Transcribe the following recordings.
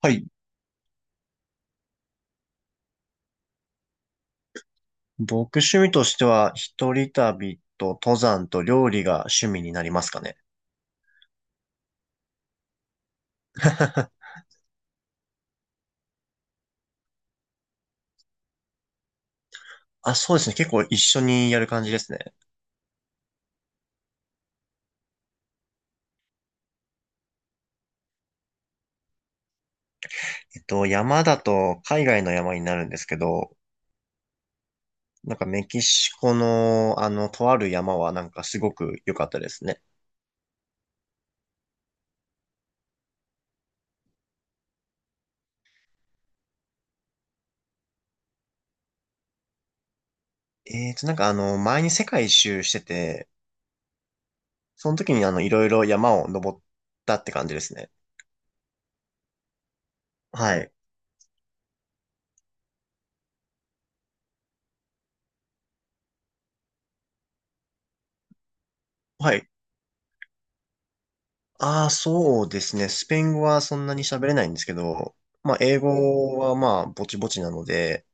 はい。僕趣味としては、一人旅と登山と料理が趣味になりますかね。あ、そうですね。結構一緒にやる感じですね。山だと海外の山になるんですけど、なんかメキシコのとある山はなんかすごく良かったですね。なんか前に世界一周してて、その時にいろいろ山を登ったって感じですね。はい。はい。ああ、そうですね。スペイン語はそんなに喋れないんですけど、まあ、英語はまあ、ぼちぼちなので、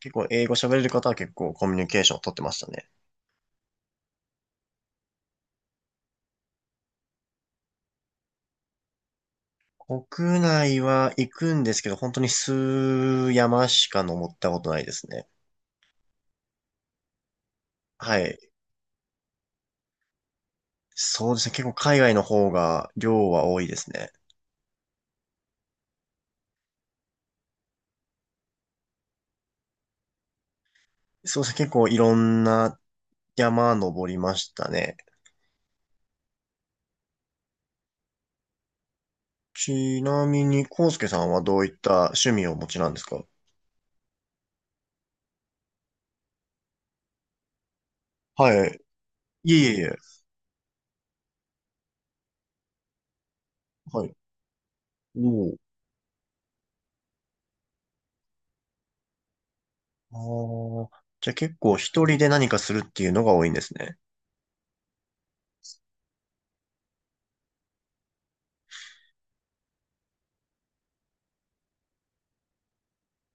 結構英語喋れる方は結構コミュニケーションを取ってましたね。国内は行くんですけど、本当に数山しか登ったことないですね。はい。そうですね。結構海外の方が量は多いですね。そうですね。結構いろんな山登りましたね。ちなみに、康介さんはどういった趣味をお持ちなんですか？はい。いえいえいえ。はい。おお。ああ、じゃあ結構一人で何かするっていうのが多いんですね。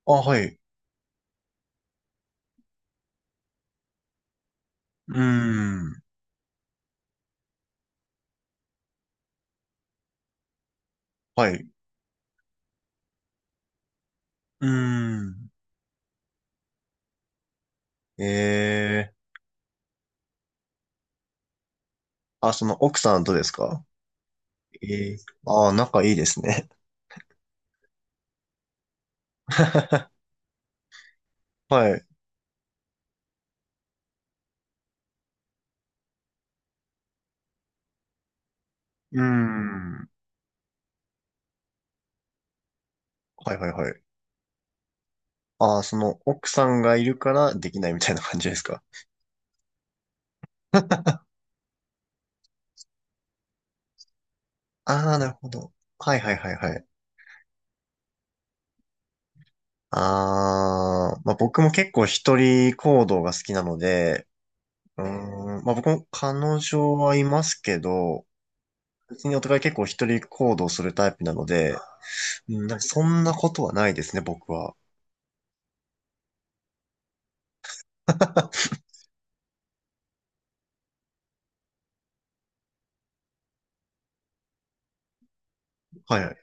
あ、はい。うーん。はい。うーん。ええ。あ、その奥さんとですか？ええ。ああ、仲いいですね。はい。うーん。はいはいはい。ああ、その奥さんがいるからできないみたいな感じですか？ああ、なるほど。はいはいはいはい。ああ、まあ僕も結構一人行動が好きなので、うーん、まあ僕も彼女はいますけど、別にお互い結構一人行動するタイプなので、うん、なんかそんなことはないですね、僕は。はいはい。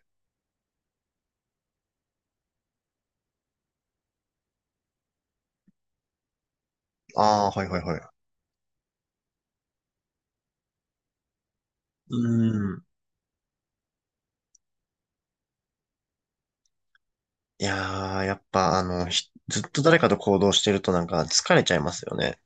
ああ、はいはいはい。うん。いやー、やっぱひずっと誰かと行動してるとなんか疲れちゃいますよね。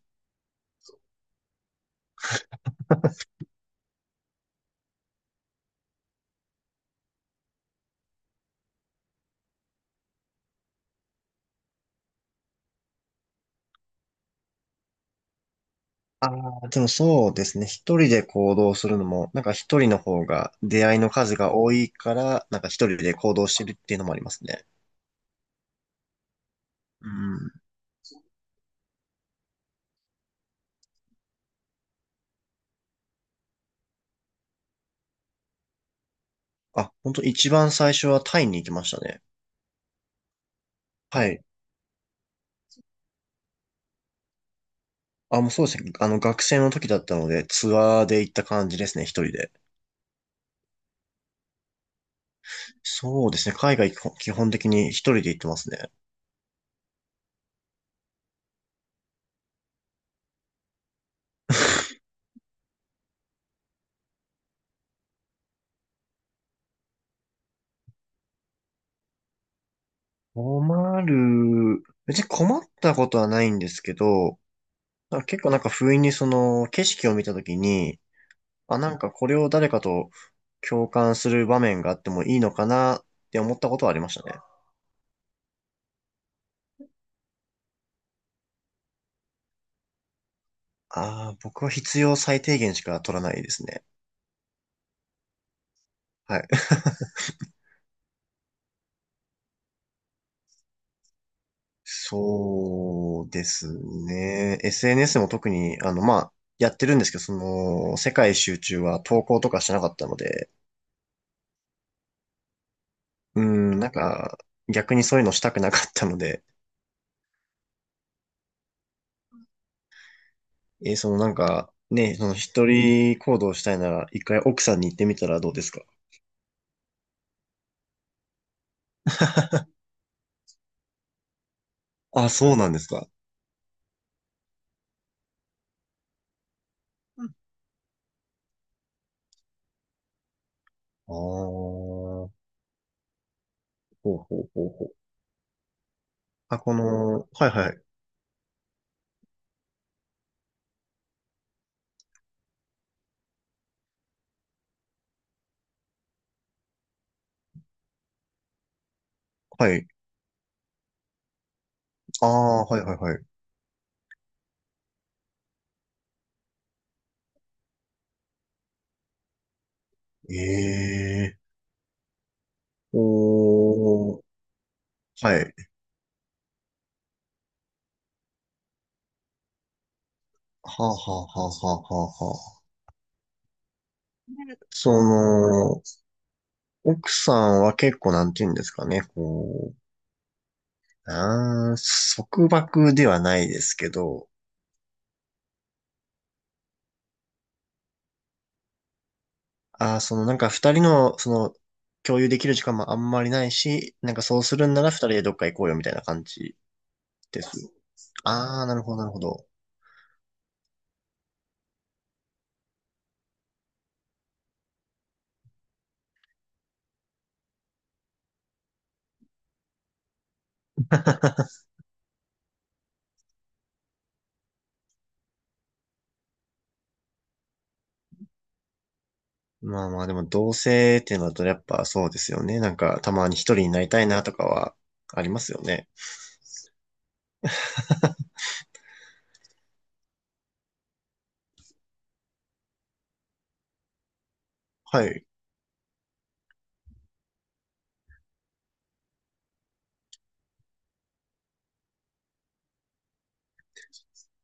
ああ、でもそうですね。一人で行動するのも、なんか一人の方が出会いの数が多いから、なんか一人で行動してるっていうのもありますね。うん。あ、本当一番最初はタイに行きましたね。はい。あ、もうそうですね。学生の時だったので、ツアーで行った感じですね、一人で。そうですね。海外基本的に一人で行ってますね。困る。別に困ったことはないんですけど、なんか結構なんか不意にその景色を見た時に、あ、なんかこれを誰かと共感する場面があってもいいのかなって思ったことはありましたね。ああ、僕は必要最低限しか取らないですね。はい。そうですね。SNS も特に、まあ、やってるんですけど、その、世界一周中は投稿とかしてなかったので、うん、なんか、逆にそういうのしたくなかったので、そのなんか、ね、その一人行動したいなら、一回奥さんに行ってみたらどうですか？あ、そうなんですか。ああ、ほうほうほうほう。あ、この、はいはい、はい。ああ、はいはいはい。ええ、おー、はい。はあはあはあはあはあはあ。でその、奥さんは結構なんて言うんですかね、こう、あー束縛ではないですけど、あーそのなんか二人の、その、共有できる時間もあんまりないし、なんかそうするんなら二人でどっか行こうよみたいな感じです。ああ、なるほど、なるほど。まあまあ、でも同性っていうのだとやっぱそうですよね。なんかたまに一人になりたいなとかはありますよね。はい。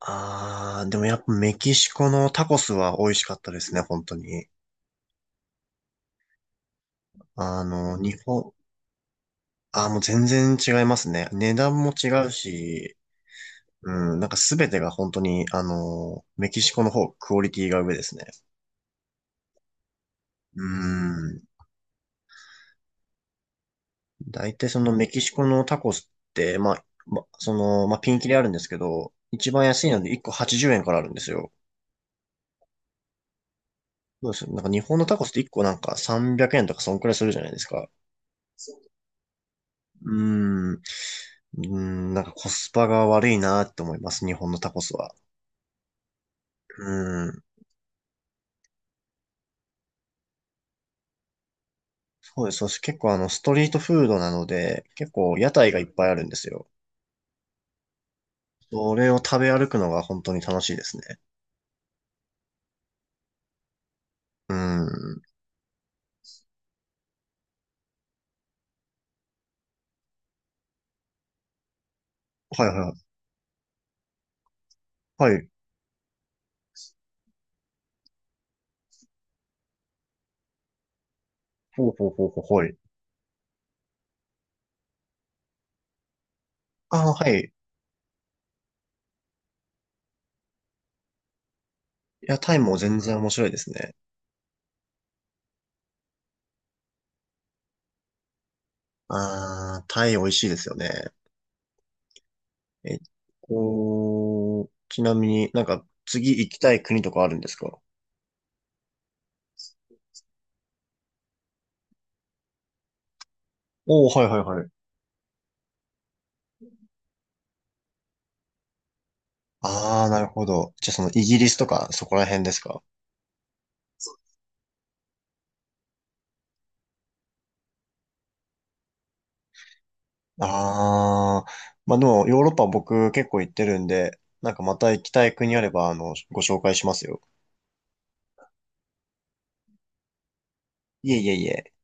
ああ、でもやっぱメキシコのタコスは美味しかったですね、本当に。日本、あーもう全然違いますね。値段も違うし、うん、なんかすべてが本当に、メキシコの方、クオリティが上ですね。うん。大体そのメキシコのタコスって、まあ、ま、その、まあ、ピンキリあるんですけど、一番安いので1個80円からあるんですよ。そうですよ。なんか日本のタコスって1個なんか300円とかそんくらいするじゃないですか。うーん。うーん、なんかコスパが悪いなって思います、日本のタコスは。うん。そうです。そして結構ストリートフードなので、結構屋台がいっぱいあるんですよ。それを食べ歩くのが本当に楽しいですね。うん。はいはいはい。はい。ほうほうほうほう、はい。ああ、はい。いや、タイも全然面白いですね。ああ、タイ美味しいですよね。えっちなみになんか次行きたい国とかあるんですか？おおー、はいはいはい。ああ、なるほど。じゃあそのイギリスとかそこら辺ですか？ああー、まあでもヨーロッパ僕結構行ってるんで、なんかまた行きたい国あれば、ご紹介しますよ。いえいえいえ。